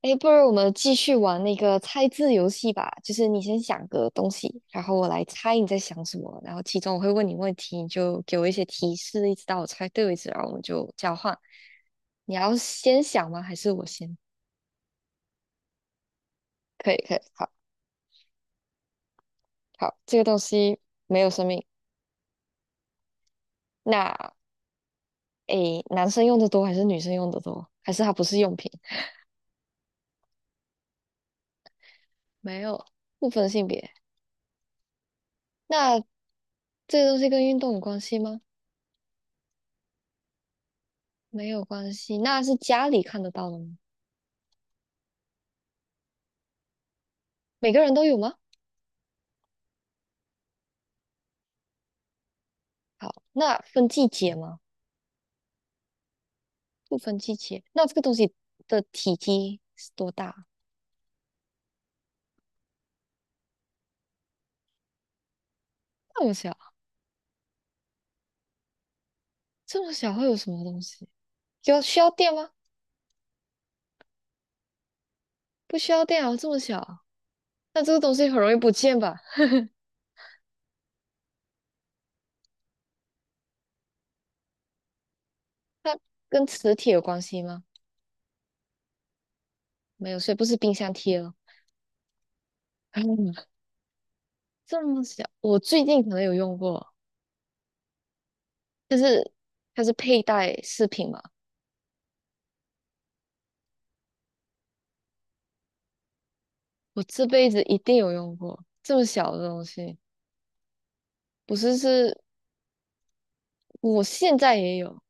哎，不如我们继续玩那个猜字游戏吧。就是你先想个东西，然后我来猜你在想什么，然后其中我会问你问题，你就给我一些提示，一直到我猜对为止，然后我们就交换。你要先想吗？还是我先？可以，可以，好，好，这个东西没有生命。那诶，男生用的多还是女生用的多？还是它不是用品？没有，不分性别。那这个东西跟运动有关系吗？没有关系。那是家里看得到的吗？每个人都有吗？好，那分季节吗？不分季节，那这个东西的体积是多大？那么小，这么小会有什么东西？要需要电吗？不需要电啊，这么小，那这个东西很容易不见吧？跟磁铁有关系吗？没有，所以不是冰箱贴了。这么小，我最近可能有用过，它是佩戴饰品嘛，我这辈子一定有用过这么小的东西，不是是，我现在也有，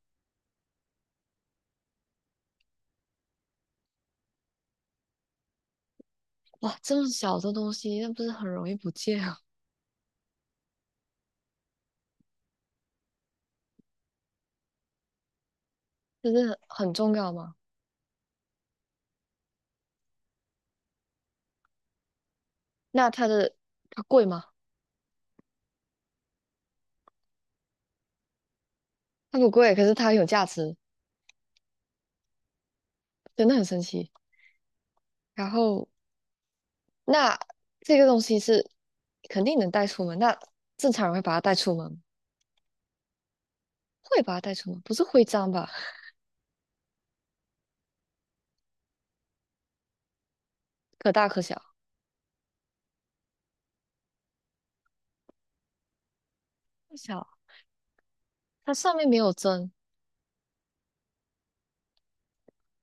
哇，这么小的东西，那不是很容易不见啊？真的很重要吗？那它的它贵吗？它不贵，可是它很有价值，真的很神奇。然后，那这个东西是肯定能带出门，那正常人会把它带出门，会把它带出门，不是徽章吧？可大可小，不小。它上面没有针，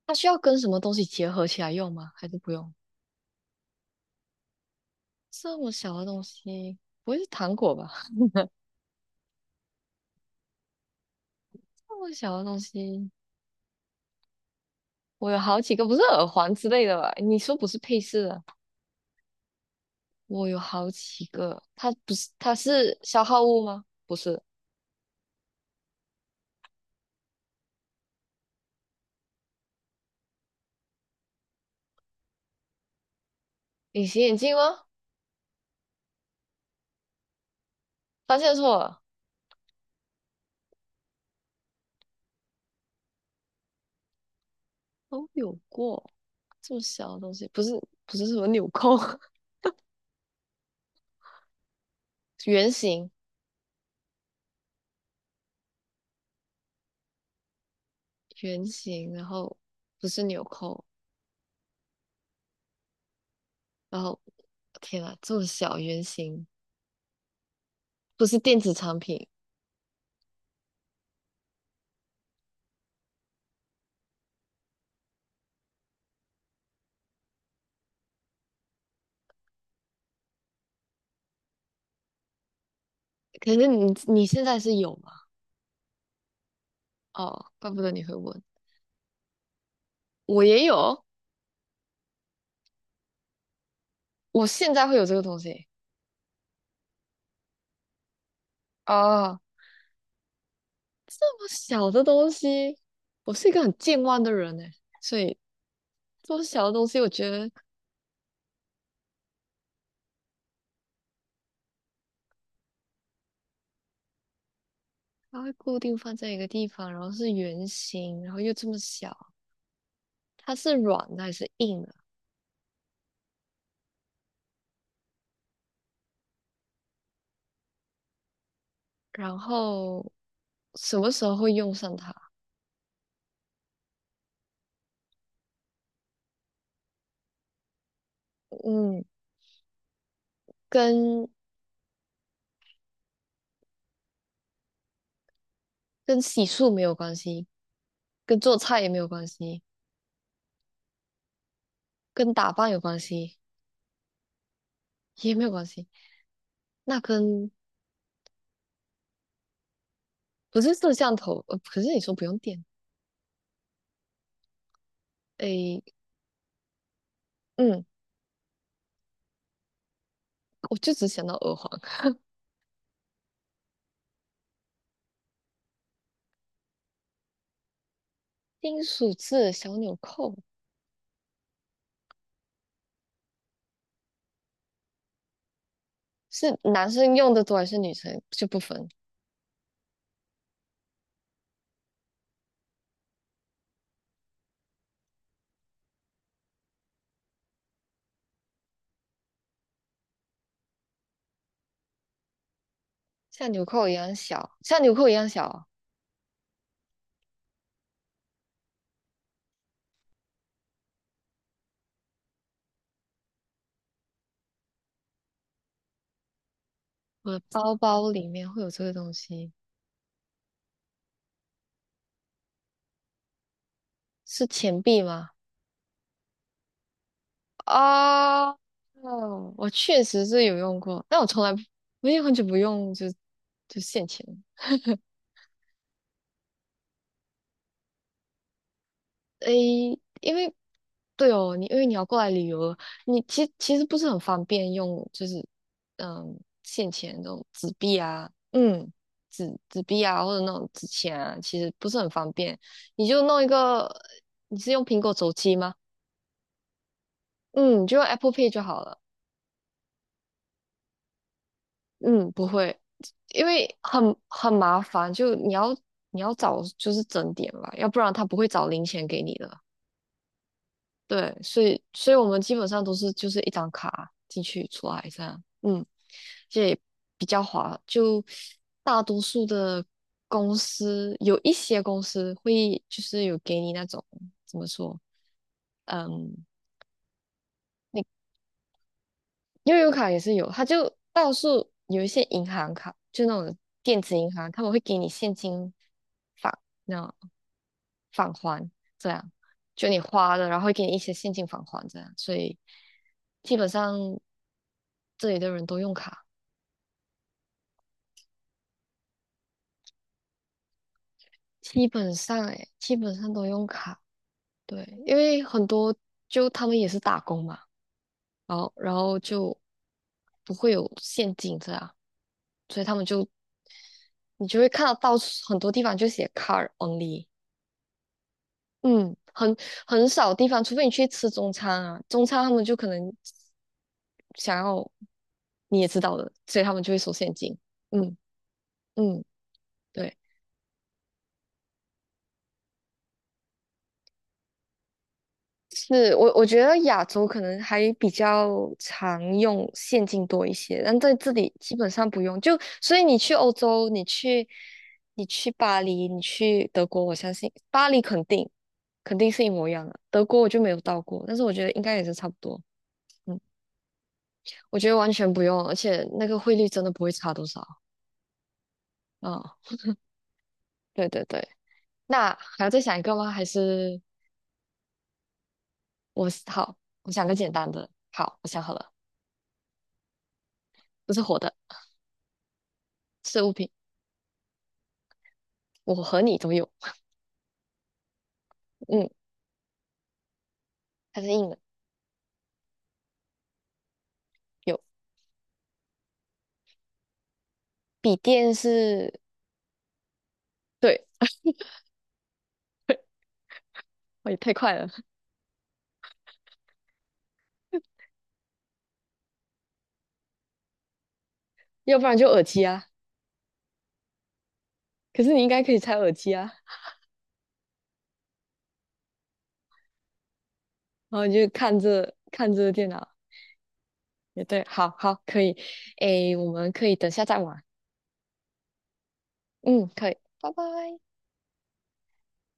它需要跟什么东西结合起来用吗？还是不用？这么小的东西，不会是糖果吧？这么小的东西。我有好几个，不是耳环之类的吧？你说不是配饰的，我有好几个。它不是，它是消耗物吗？不是，隐形眼镜吗？发现错了，都有过这么小的东西，不是不是什么纽扣，圆形圆形，然后不是纽扣，然后天呐，这么小圆形，不是电子产品。可是你现在是有吗？哦，怪不得你会问，我也有，我现在会有这个东西。哦，这么小的东西，我是一个很健忘的人呢，所以这么小的东西，我觉得它会固定放在一个地方，然后是圆形，然后又这么小，它是软的还是硬的？然后什么时候会用上它？嗯，跟跟洗漱没有关系，跟做菜也没有关系，跟打扮有关系也没有关系。那跟不是摄像头，可是你说不用电，诶，嗯，我就只想到耳环。金属制的小纽扣，是男生用的多还是女生就不分？像纽扣一样小，像纽扣一样小哦我的包包里面会有这个东西，是钱币吗？啊，哦，我确实是有用过，但我从来不，我也很久不用就就现钱。诶，因为对哦，你因为你要过来旅游，你其实不是很方便用，就是嗯，现钱这种纸币啊，嗯，纸币啊，或者那种纸钱啊，其实不是很方便。你就弄一个，你是用苹果手机吗？嗯，你就用 Apple Pay 就好了。嗯，不会，因为很麻烦，就你要你要找就是整点吧，要不然他不会找零钱给你的。对，所以我们基本上都是就是一张卡进去出来这样，嗯，这也比较划。就大多数的公司，有一些公司会就是有给你那种怎么说，嗯。悠游卡也是有，他就到处有一些银行卡，就那种电子银行，他们会给你现金返，那种返还这样，就你花了，然后会给你一些现金返还这样，所以基本上这里的人都用卡，基本上诶，基本上都用卡，对，因为很多就他们也是打工嘛，然后就不会有现金这样，所以他们就你就会看到到处很多地方就写 car only，嗯，很少地方，除非你去吃中餐啊，中餐他们就可能想要你也知道的，所以他们就会收现金。嗯嗯，对，是我，我觉得亚洲可能还比较常用现金多一些，但在这里基本上不用。就所以你去欧洲，你去巴黎，你去德国，我相信巴黎肯定是一模一样的。德国我就没有到过，但是我觉得应该也是差不多。嗯，我觉得完全不用，而且那个汇率真的不会差多少。啊、对对对。那还要再想一个吗？还是我好，我想个简单的。好，我想好了，不是活的，是物品，我和你都有。嗯，它是硬的，有笔电是，对，哦也太快了，要不然就耳机啊。可是你应该可以拆耳机啊，然后你就看着电脑，也对，好好可以，诶，我们可以等下再玩，嗯，可以，拜拜。